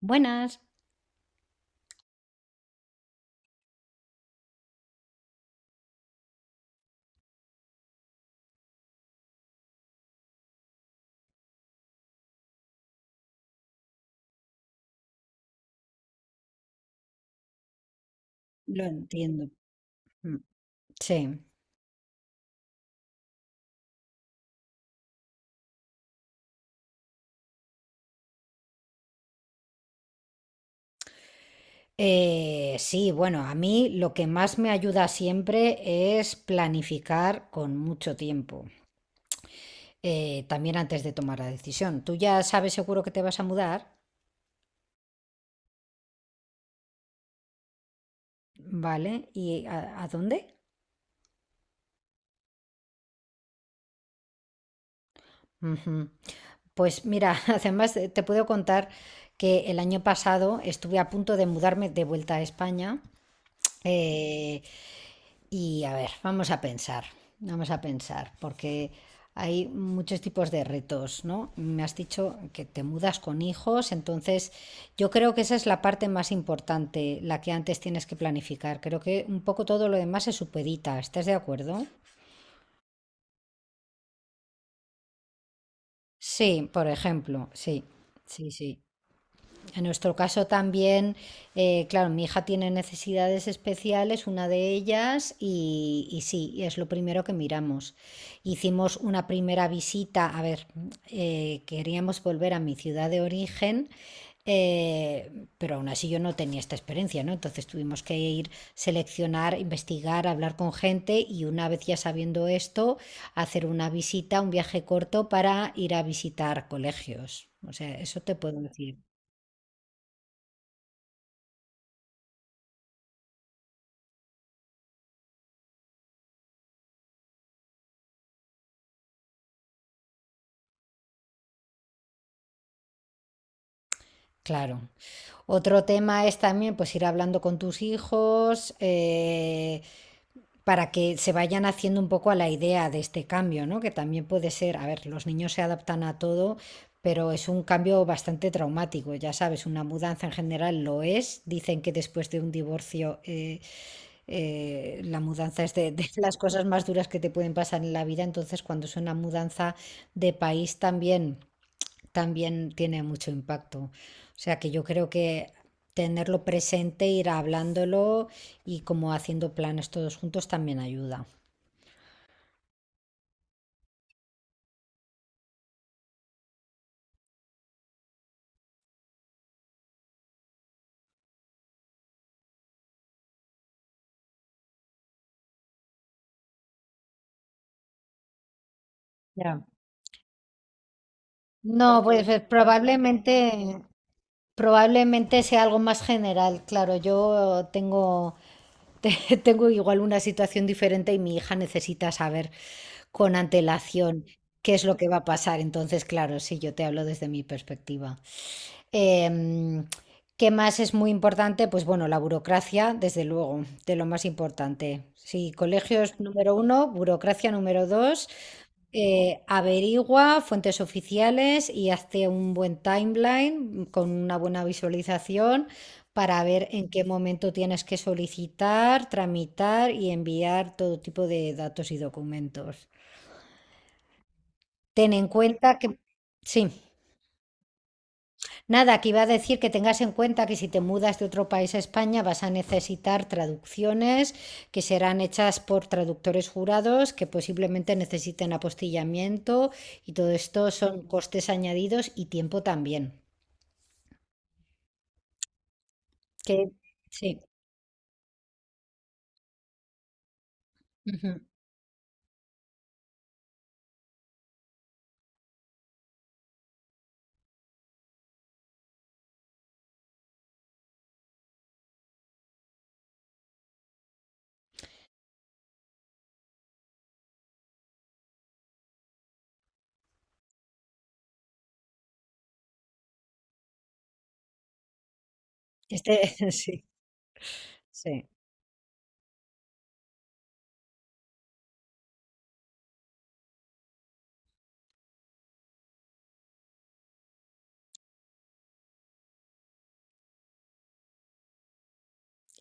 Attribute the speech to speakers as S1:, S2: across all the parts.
S1: Buenas. Lo entiendo. Mm. Sí. Sí, bueno, a mí lo que más me ayuda siempre es planificar con mucho tiempo, también antes de tomar la decisión. Tú ya sabes seguro que te vas a mudar, ¿vale? ¿Y a dónde? Ujú. Pues mira, además te puedo contar que el año pasado estuve a punto de mudarme de vuelta a España. eh, Y a ver, vamos a pensar, porque hay muchos tipos de retos, ¿no? Me has dicho que te mudas con hijos, entonces yo creo que esa es la parte más importante, la que antes tienes que planificar. Creo que un poco todo lo demás se supedita, ¿estás de acuerdo? Sí, por ejemplo, sí, sí, sí. En nuestro caso también, claro, mi hija tiene necesidades especiales, una de ellas, y sí, es lo primero que miramos. Hicimos una primera visita, a ver, queríamos volver a mi ciudad de origen, eh, pero aún así yo no tenía esta experiencia, ¿no? Entonces tuvimos que ir, seleccionar, investigar, hablar con gente y una vez ya sabiendo esto, hacer una visita, un viaje corto para ir a visitar colegios. O sea, eso te puedo decir. Claro. Otro tema es también pues ir hablando con tus hijos para que se vayan haciendo un poco a la idea de este cambio, ¿no? Que también puede ser, a ver, los niños se adaptan a todo, pero es un cambio bastante traumático, ya sabes, una mudanza en general lo es. Dicen que después de un divorcio la mudanza es de las cosas más duras que te pueden pasar en la vida, entonces cuando es una mudanza de país también tiene mucho impacto. O sea que yo creo que tenerlo presente, ir hablándolo y como haciendo planes todos juntos también ayuda. Ya. No, pues probablemente, probablemente sea algo más general. Claro, yo tengo, tengo igual una situación diferente y mi hija necesita saber con antelación qué es lo que va a pasar. Entonces, claro, sí, yo te hablo desde mi perspectiva. Em, ¿qué más es muy importante? Pues bueno, la burocracia, desde luego, de lo más importante. Sí, colegios número uno, burocracia número dos, averigua fuentes oficiales y hazte un buen timeline con una buena visualización para ver en qué momento tienes que solicitar, tramitar y enviar todo tipo de datos y documentos. Ten en cuenta que... Sí. Nada, que iba a decir que tengas en cuenta que si te mudas de otro país a España vas a necesitar traducciones que serán hechas por traductores jurados que posiblemente necesiten apostillamiento y todo esto son costes añadidos y tiempo también. Que sí. Ujú. Este, sí, sí.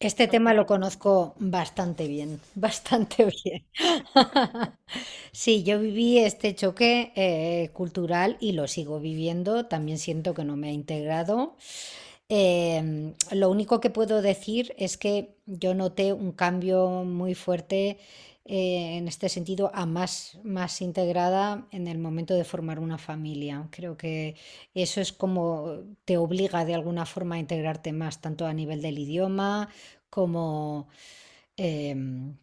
S1: Este tema lo conozco bastante bien, bastante bien. Sí, yo viví este choque cultural y lo sigo viviendo. También siento que no me ha integrado. Lo único que puedo decir es que yo noté un cambio muy fuerte en este sentido a más, más integrada en el momento de formar una familia. Creo que eso es como te obliga de alguna forma a integrarte más, tanto a nivel del idioma como, em,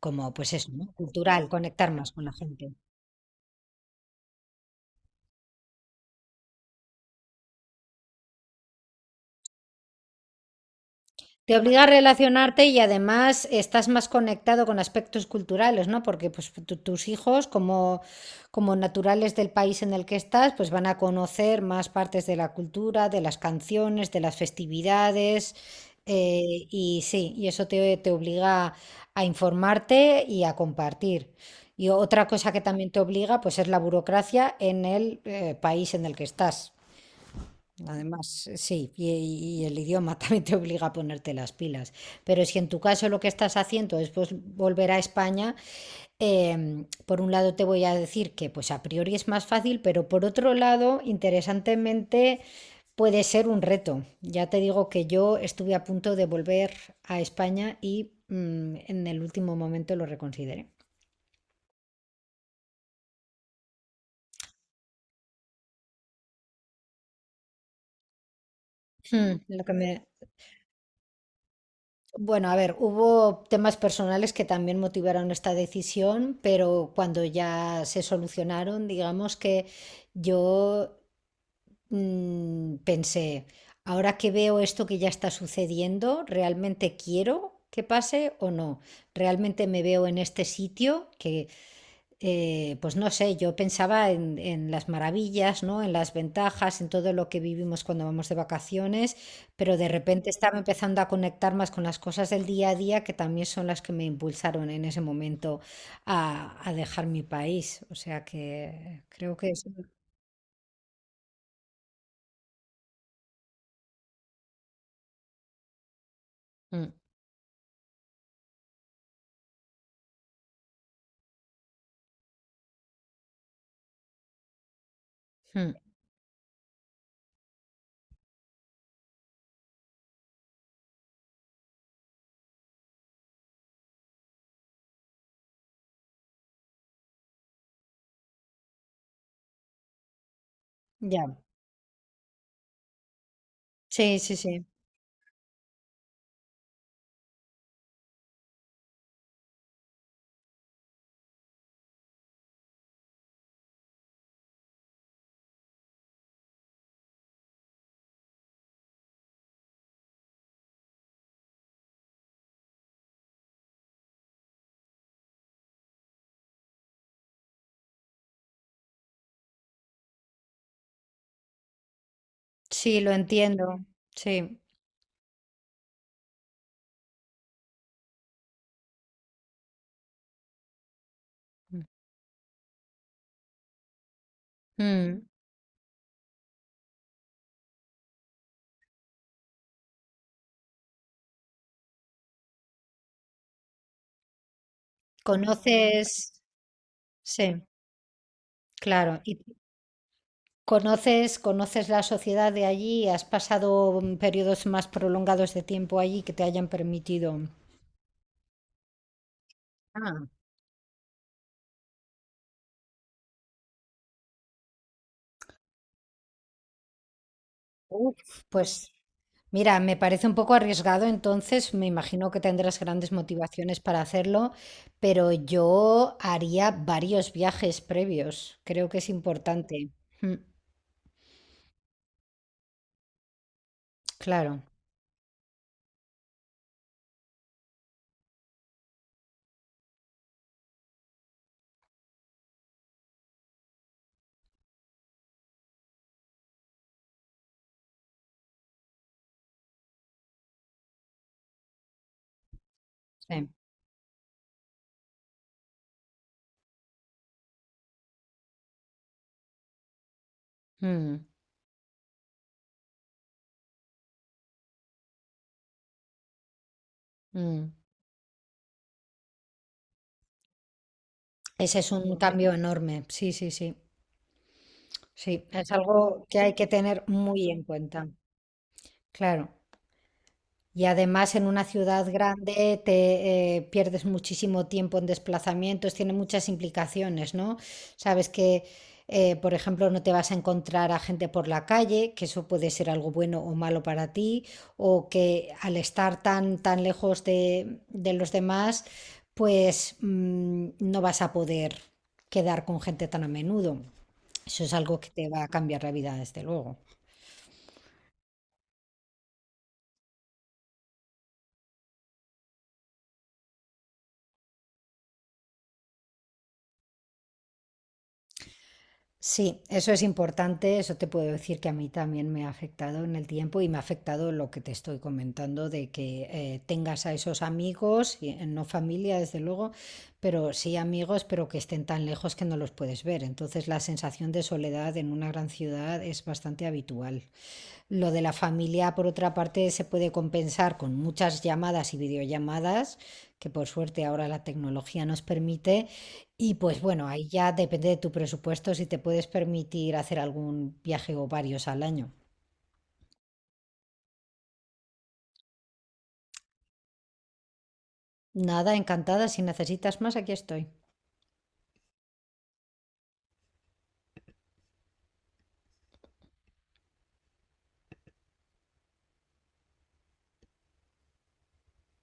S1: como pues eso, ¿no? Cultural, conectar más con la gente. Te obliga a relacionarte y además estás más conectado con aspectos culturales, ¿no? Porque pues, tus hijos, como, naturales del país en el que estás, pues van a conocer más partes de la cultura, de las canciones, de las festividades. eh, y sí, y eso te obliga a informarte y a compartir. Y otra cosa que también te obliga, pues es la burocracia en el país en el que estás. Además, sí, y el idioma también te obliga a ponerte las pilas. Pero si en tu caso lo que estás haciendo es pues, volver a España, por un lado te voy a decir que pues a priori es más fácil, pero por otro lado, interesantemente, puede ser un reto. Ya te digo que yo estuve a punto de volver a España y en el último momento lo reconsideré. Mm, lo que me, Bueno, a ver, hubo temas personales que también motivaron esta decisión, pero cuando ya se solucionaron, digamos que yo pensé, ahora que veo esto que ya está sucediendo, ¿realmente quiero que pase o no? ¿Realmente me veo en este sitio pues no sé, yo pensaba en las maravillas, ¿no? En las ventajas, en todo lo que vivimos cuando vamos de vacaciones, pero de repente estaba empezando a conectar más con las cosas del día a día que también son las que me impulsaron en ese momento a dejar mi país. O sea que creo que es... Mm, mm, ya, sí, sí, sí, sí, lo entiendo, sí. Mm. ¿Conoces? Sí, claro. ¿Conoces, conoces la sociedad de allí? ¿Has pasado periodos más prolongados de tiempo allí que te hayan permitido? Ah, uf. Pues mira, me parece un poco arriesgado, entonces me imagino que tendrás grandes motivaciones para hacerlo, pero yo haría varios viajes previos. Creo que es importante. Mm, claro, sí. Mm, mm. Ese es un cambio enorme. Sí, sí, sí. Sí, es algo que hay que tener muy en cuenta. Claro. Y además en una ciudad grande te pierdes muchísimo tiempo en desplazamientos, tiene muchas implicaciones, ¿no? Sabes que, por ejemplo, no te vas a encontrar a gente por la calle, que eso puede ser algo bueno o malo para ti, o que al estar tan, tan lejos de los demás, pues no vas a poder quedar con gente tan a menudo. Eso es algo que te va a cambiar la vida, desde luego. Sí, eso es importante, eso te puedo decir que a mí también me ha afectado en el tiempo y me ha afectado lo que te estoy comentando de que tengas a esos amigos, y, no familia desde luego, pero sí amigos, pero que estén tan lejos que no los puedes ver. Entonces la sensación de soledad en una gran ciudad es bastante habitual. Lo de la familia, por otra parte, se puede compensar con muchas llamadas y videollamadas, que por suerte ahora la tecnología nos permite. Y pues bueno, ahí ya depende de tu presupuesto si te puedes permitir hacer algún viaje o varios al año. Nada, encantada. Si necesitas más, aquí estoy.